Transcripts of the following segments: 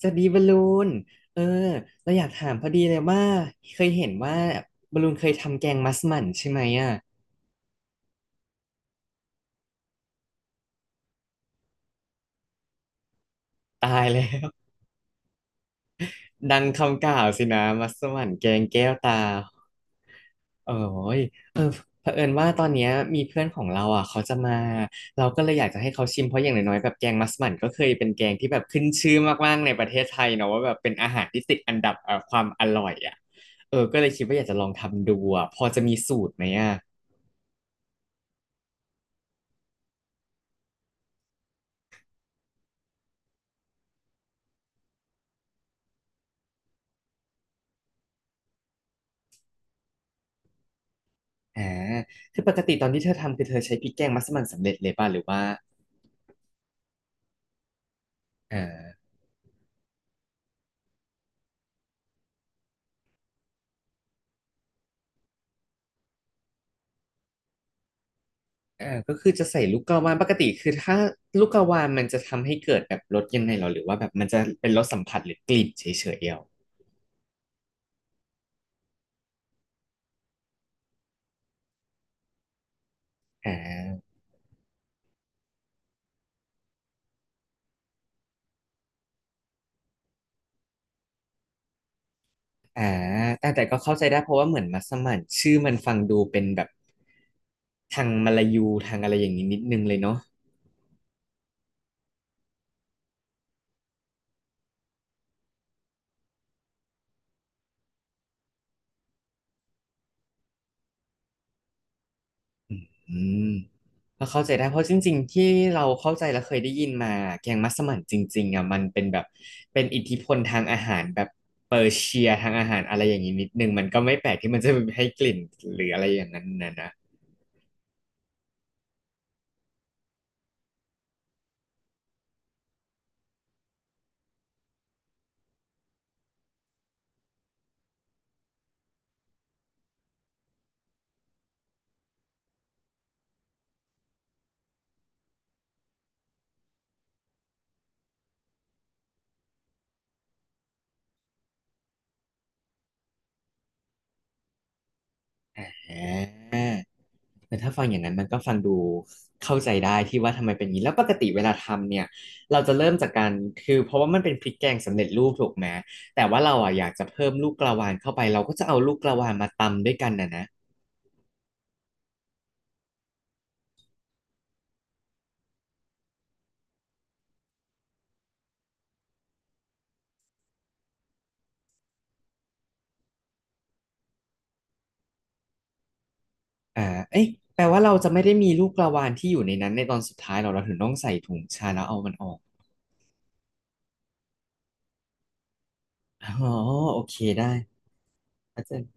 สวัสดีบอลลูนเออเราอยากถามพอดีเลยว่าเคยเห็นว่าบอลลูนเคยทำแกงมัสมั่นใช่ไหมอ่ะตายแล้วดังคำกล่าวสินะมัสมั่นแกงแก้วตาโอ้ยเออเผอิญว่าตอนเนี้ยมีเพื่อนของเราอ่ะเขาจะมาเราก็เลยอยากจะให้เขาชิมเพราะอย่างน้อยๆแบบแกงมัสมั่นก็เคยเป็นแกงที่แบบขึ้นชื่อมากๆในประเทศไทยเนาะว่าแบบเป็นอาหารที่ติดอันดับความอร่อยอ่ะก็เลยคิดว่าอยากจะลองทำดูอ่ะพอจะมีสูตรไหมอ่ะ อ่าคือปกติตอนที่เธอทำคือเธอใช้พริกแกงมัสมั่นสำเร็จเลยป่ะหรือว่าอ่าอ่าก็คือจะใส่ลูกกระวานปกติคือถ้าลูกกระวานมันจะทำให้เกิดแบบรสยังไงหรอหรือว่าแบบมันจะเป็นรสสัมผัสหรือกลิ่นเฉยๆเดียวอ่าอ่าแต่ก็เข้าใจได้เพราะว่าเหมือนมัสมั่นชื่อมันฟังดูเป็นแบบทางมลายูทางอะไรอย่างนี้นิดนึงเลยเนาะอืม ก็เข้าใจได้เพราะจริงๆที่เราเข้าใจและเคยได้ยินมาแกงมัสมั่นจริงๆอ่ะมันเป็นแบบเป็นอิทธิพลทางอาหารแบบเปอร์เซียทางอาหารอะไรอย่างนี้นิดนึงมันก็ไม่แปลกที่มันจะให้กลิ่นหรืออะไรอย่างนั้นนะอ่าแต่ถ้าฟังอย่างนั้นมันก็ฟังดูเข้าใจได้ที่ว่าทำไมเป็นอย่างนี้แล้วปกติเวลาทำเนี่ยเราจะเริ่มจากการคือเพราะว่ามันเป็นพริกแกงสำเร็จรูปถูกไหมแต่ว่าเราอ่ะอยากจะเพิ่มลูกกระวานเข้าไปเราก็จะเอาลูกกระวานมาตำด้วยกันนะ อ่าเอ๊ะแปลว่าเราจะไม่ได้มีลูกกระวานที่อยู่ในนั้นในตอนสุดท้ายเราถึงต้องใส่ถุงชาแล้วเอามันออก อ๋อ โอเคได้อาจารย์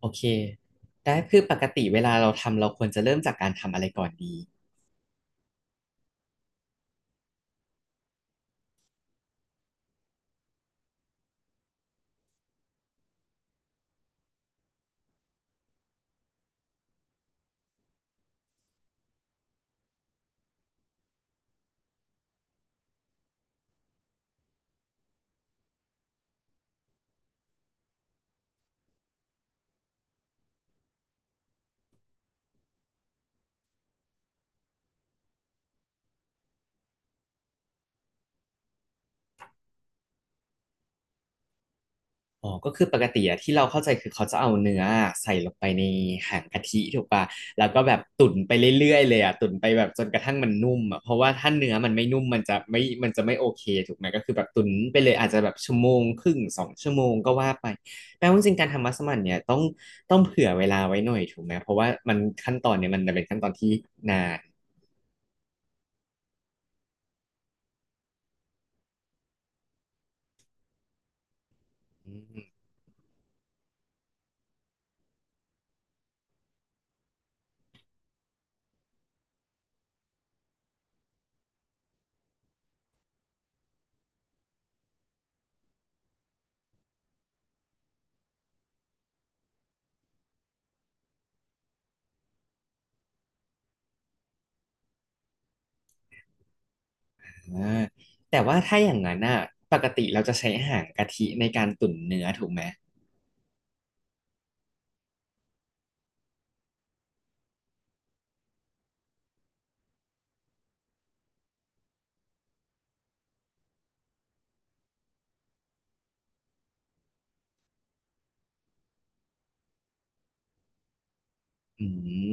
โอเคได้คือปกติเวลาเราทำเราควรจะเริ่มจากการทำอะไรก่อนดี อ๋อก็คือปกติอะที่เราเข้าใจคือเขาจะเอาเนื้อใส่ลงไปในหางกะทิถูกปะแล้วก็แบบตุ๋นไปเรื่อยๆเลยอะตุ๋นไปแบบจนกระทั่งมันนุ่มอะเพราะว่าถ้าเนื้อมันไม่นุ่มมันจะไม่โอเคถูกไหมก็คือแบบตุ๋นไปเลยอาจจะแบบชั่วโมงครึ่งสองชั่วโมงก็ว่าไปแปลว่าจริงๆการทำมัสมั่นเนี่ยต้องเผื่อเวลาไว้หน่อยถูกไหมเพราะว่ามันขั้นตอนเนี่ยมันเป็นขั้นตอนที่นานอืมอ่าแต่ว่าถ้าอย่างนั้นอะปกติเราจะใช้หางกะทิในการตุ๋นเนื้อถูกไหม อืม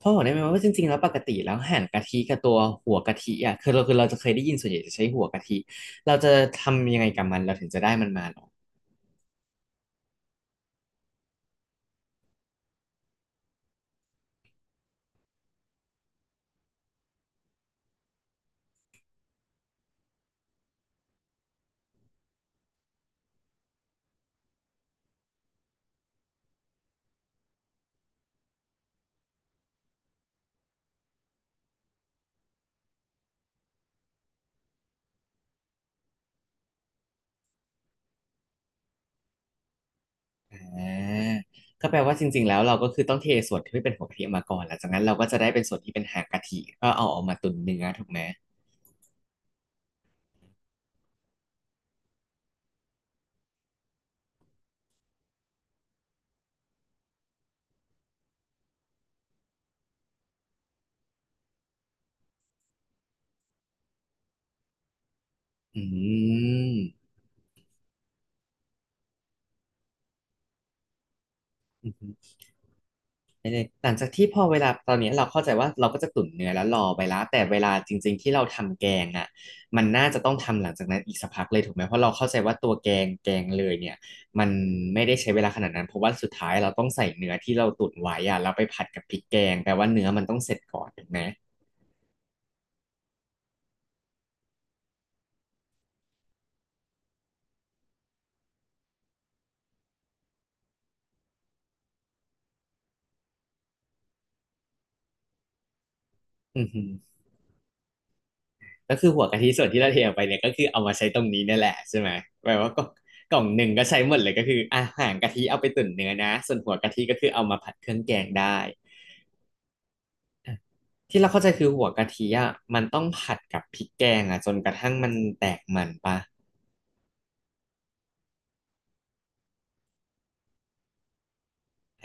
พ่อบอกได้ไหมว่าจริงๆแล้วปกติแล้วหั่นกะทิกับตัวหัวกะทิอ่ะคือเราจะเคยได้ยินส่วนใหญ่จะใช้หัวกะทิเราจะทำยังไงกับมันเราถึงจะได้มันมาหรออ่าก็แปลว่าจริงๆแล้วเราก็คือต้องเทส่วนที่เป็นหัวกะทิออกมาก่อนหลังจากนั้นเราก็จะได้เป็นส่วนที่เป็นหางกะทิก็เอาออกมาตุนเนื้อถูกไหมอืม ไม่ได้หลังจากที่พอเวลาตอนนี้เราเข้าใจว่าเราก็จะตุ๋นเนื้อแล้วรอไปแลวแต่เวลาจริงๆที่เราทำแกงอ่ะมันน่าจะต้องทำหลังจากนั้นอีกสักพักเลยถูกไหมเพราะเราเข้าใจว่าตัวแกงเลยเนี่ยมันไม่ได้ใช้เวลาขนาดนั้นเพราะว่าสุดท้ายเราต้องใส่เนื้อที่เราตุ๋นไว้อ่ะเราไปผัดกับพริกแกงแปลว่าเนื้อมันต้องเสร็จก่อนถูกไหมอือฮึก็คือหัวกะทิส่วนที่เราเทออกไปเนี่ยก็คือเอามาใช้ตรงนี้นั่นแหละใช่ไหมแปลว่ากล่องหนึ่งก็ใช้หมดเลยก็คืออาหารกะทิเอาไปตุ๋นเนื้อนะส่วนหัวกะทิก็คือเอามาผัดเครื่องแกงได้ ที่เราเข้าใจคือหัวกะทิอ่ะมันต้องผัดกับพริกแกงอ่ะจนกระทั่งมันแตกมันปะ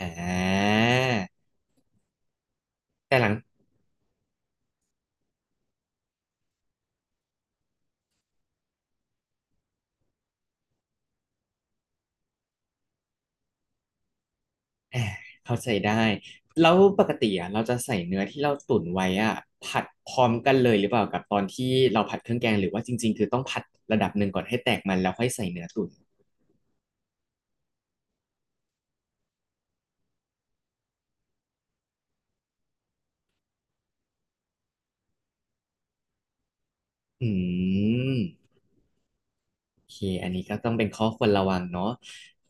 อ่าแต่หลังอ่าเข้าใจได้แล้วปกติอ่ะเราจะใส่เนื้อที่เราตุ๋นไว้อ่ะผัดพร้อมกันเลยหรือเปล่ากับตอนที่เราผัดเครื่องแกงหรือว่าจริงๆคือต้องผัดระดับหนึ่งก่อนให้แตกมันแล้วค่อยใส่เนื้อตุ๋นอืม โอเคอันนี้ก็ต้องเป็นข้อควรระวังเนาะ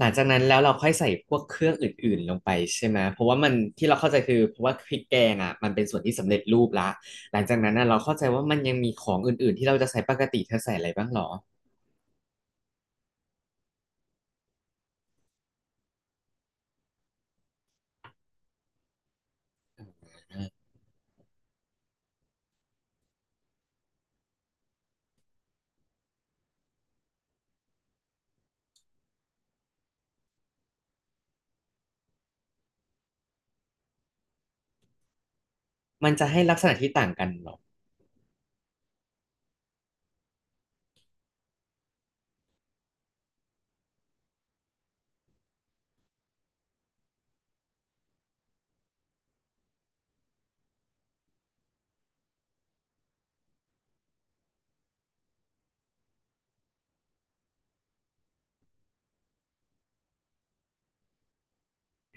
หลังจากนั้นแล้วเราค่อยใส่พวกเครื่องอื่นๆลงไปใช่ไหมเพราะว่ามันที่เราเข้าใจคือเพราะว่าพริกแกงอ่ะมันเป็นส่วนที่สำเร็จรูปละหลังจากนั้นน่ะเราเข้าใจว่ามันยังมีของอื่นๆที่เราจะใส่ปกติเธอใส่อะไรบ้างหรออ่ามันจะให้ลักษณะที่ต่างกันหรอ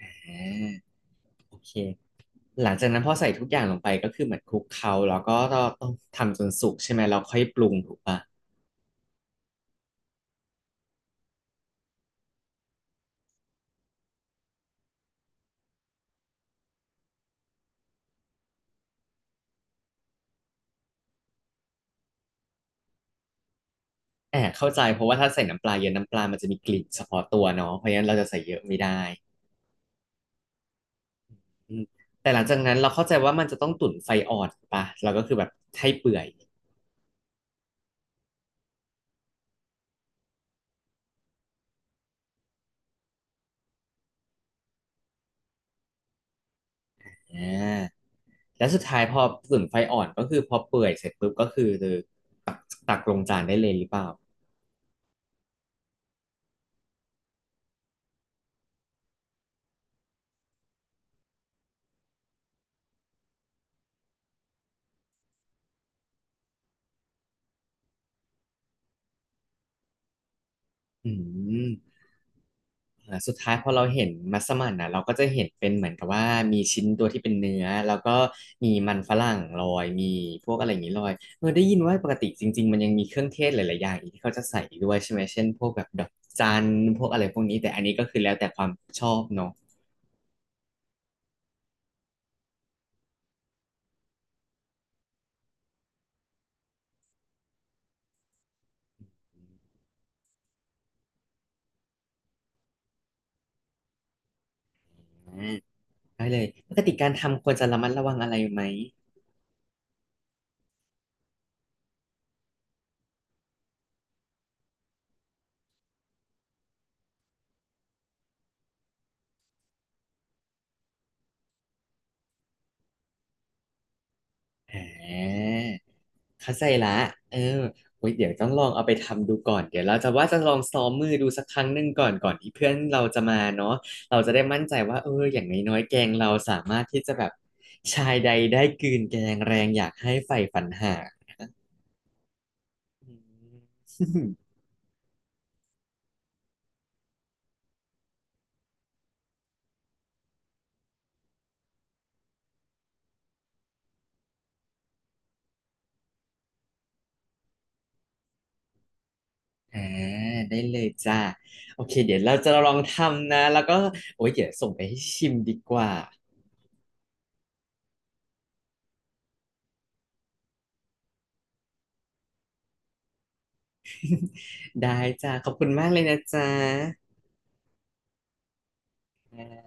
อ่าโอเคหลังจากนั้นพอใส่ทุกอย่างลงไปก็คือเหมือนคลุกเคล้าแล้วก็ต้องทำจนสุกใช่ไหมเราค่อยปรุงถูกปะแอบเข้าใจเพราะว่าถ้าใส่น้ำปลาเยอะน้ำปลามันจะมีกลิ่นเฉพาะตัวเนาะเพราะฉะนั้นเราจะใส่เยอะไม่ได้ อืมแต่หลังจากนั้นเราเข้าใจว่ามันจะต้องตุ๋นไฟอ่อนป่ะเราก็คือแบบให้เปื่อยอ่าแล้วสุดท้ายพอตุ๋นไฟอ่อนก็คือพอเปื่อยเสร็จปุ๊บก็คือตักตักลงจานได้เลยหรือเปล่าอืมสุดท้ายพอเราเห็นมัสมั่นนะเราก็จะเห็นเป็นเหมือนกับว่ามีชิ้นตัวที่เป็นเนื้อแล้วก็มีมันฝรั่งลอยมีพวกอะไรอย่างนี้ลอยเออได้ยินว่าปกติจริงๆมันยังมีเครื่องเทศหลายๆอย่างอีกที่เขาจะใส่อีกด้วยใช่ไหมเช่นพวกแบบดอกจันพวกอะไรพวกนี้แต่อันนี้ก็คือแล้วแต่ความชอบเนาะ ได้เลยปกติการทำควรจะระมัดระวังอะไรไหมอ่าเข้าใจละเออโอ้ยเดี๋ยวต้องลองเอาไปทำดูก่อนเดี๋ยวเราจะว่าจะลองซ้อมมือดูสักครั้งหนึ่งก่อนก่อนที่เพื่อนเราจะมาเนาะเราจะได้มั่นใจว่าเอออย่างน้อยๆแกงเราสามารถที่จะแบบชายใดได้กลืนแกงแรงอยากให้ใฝ่ฝันหา อืมอ่าได้เลยจ้าโอเคเดี๋ยวเราจะลองทำนะแล้วก็โอ้ยเดี๋ยวส่งไปให้ชิมดีกว่า ได้จ้าขอบคุณมากเลยนะจ๊ะ แหม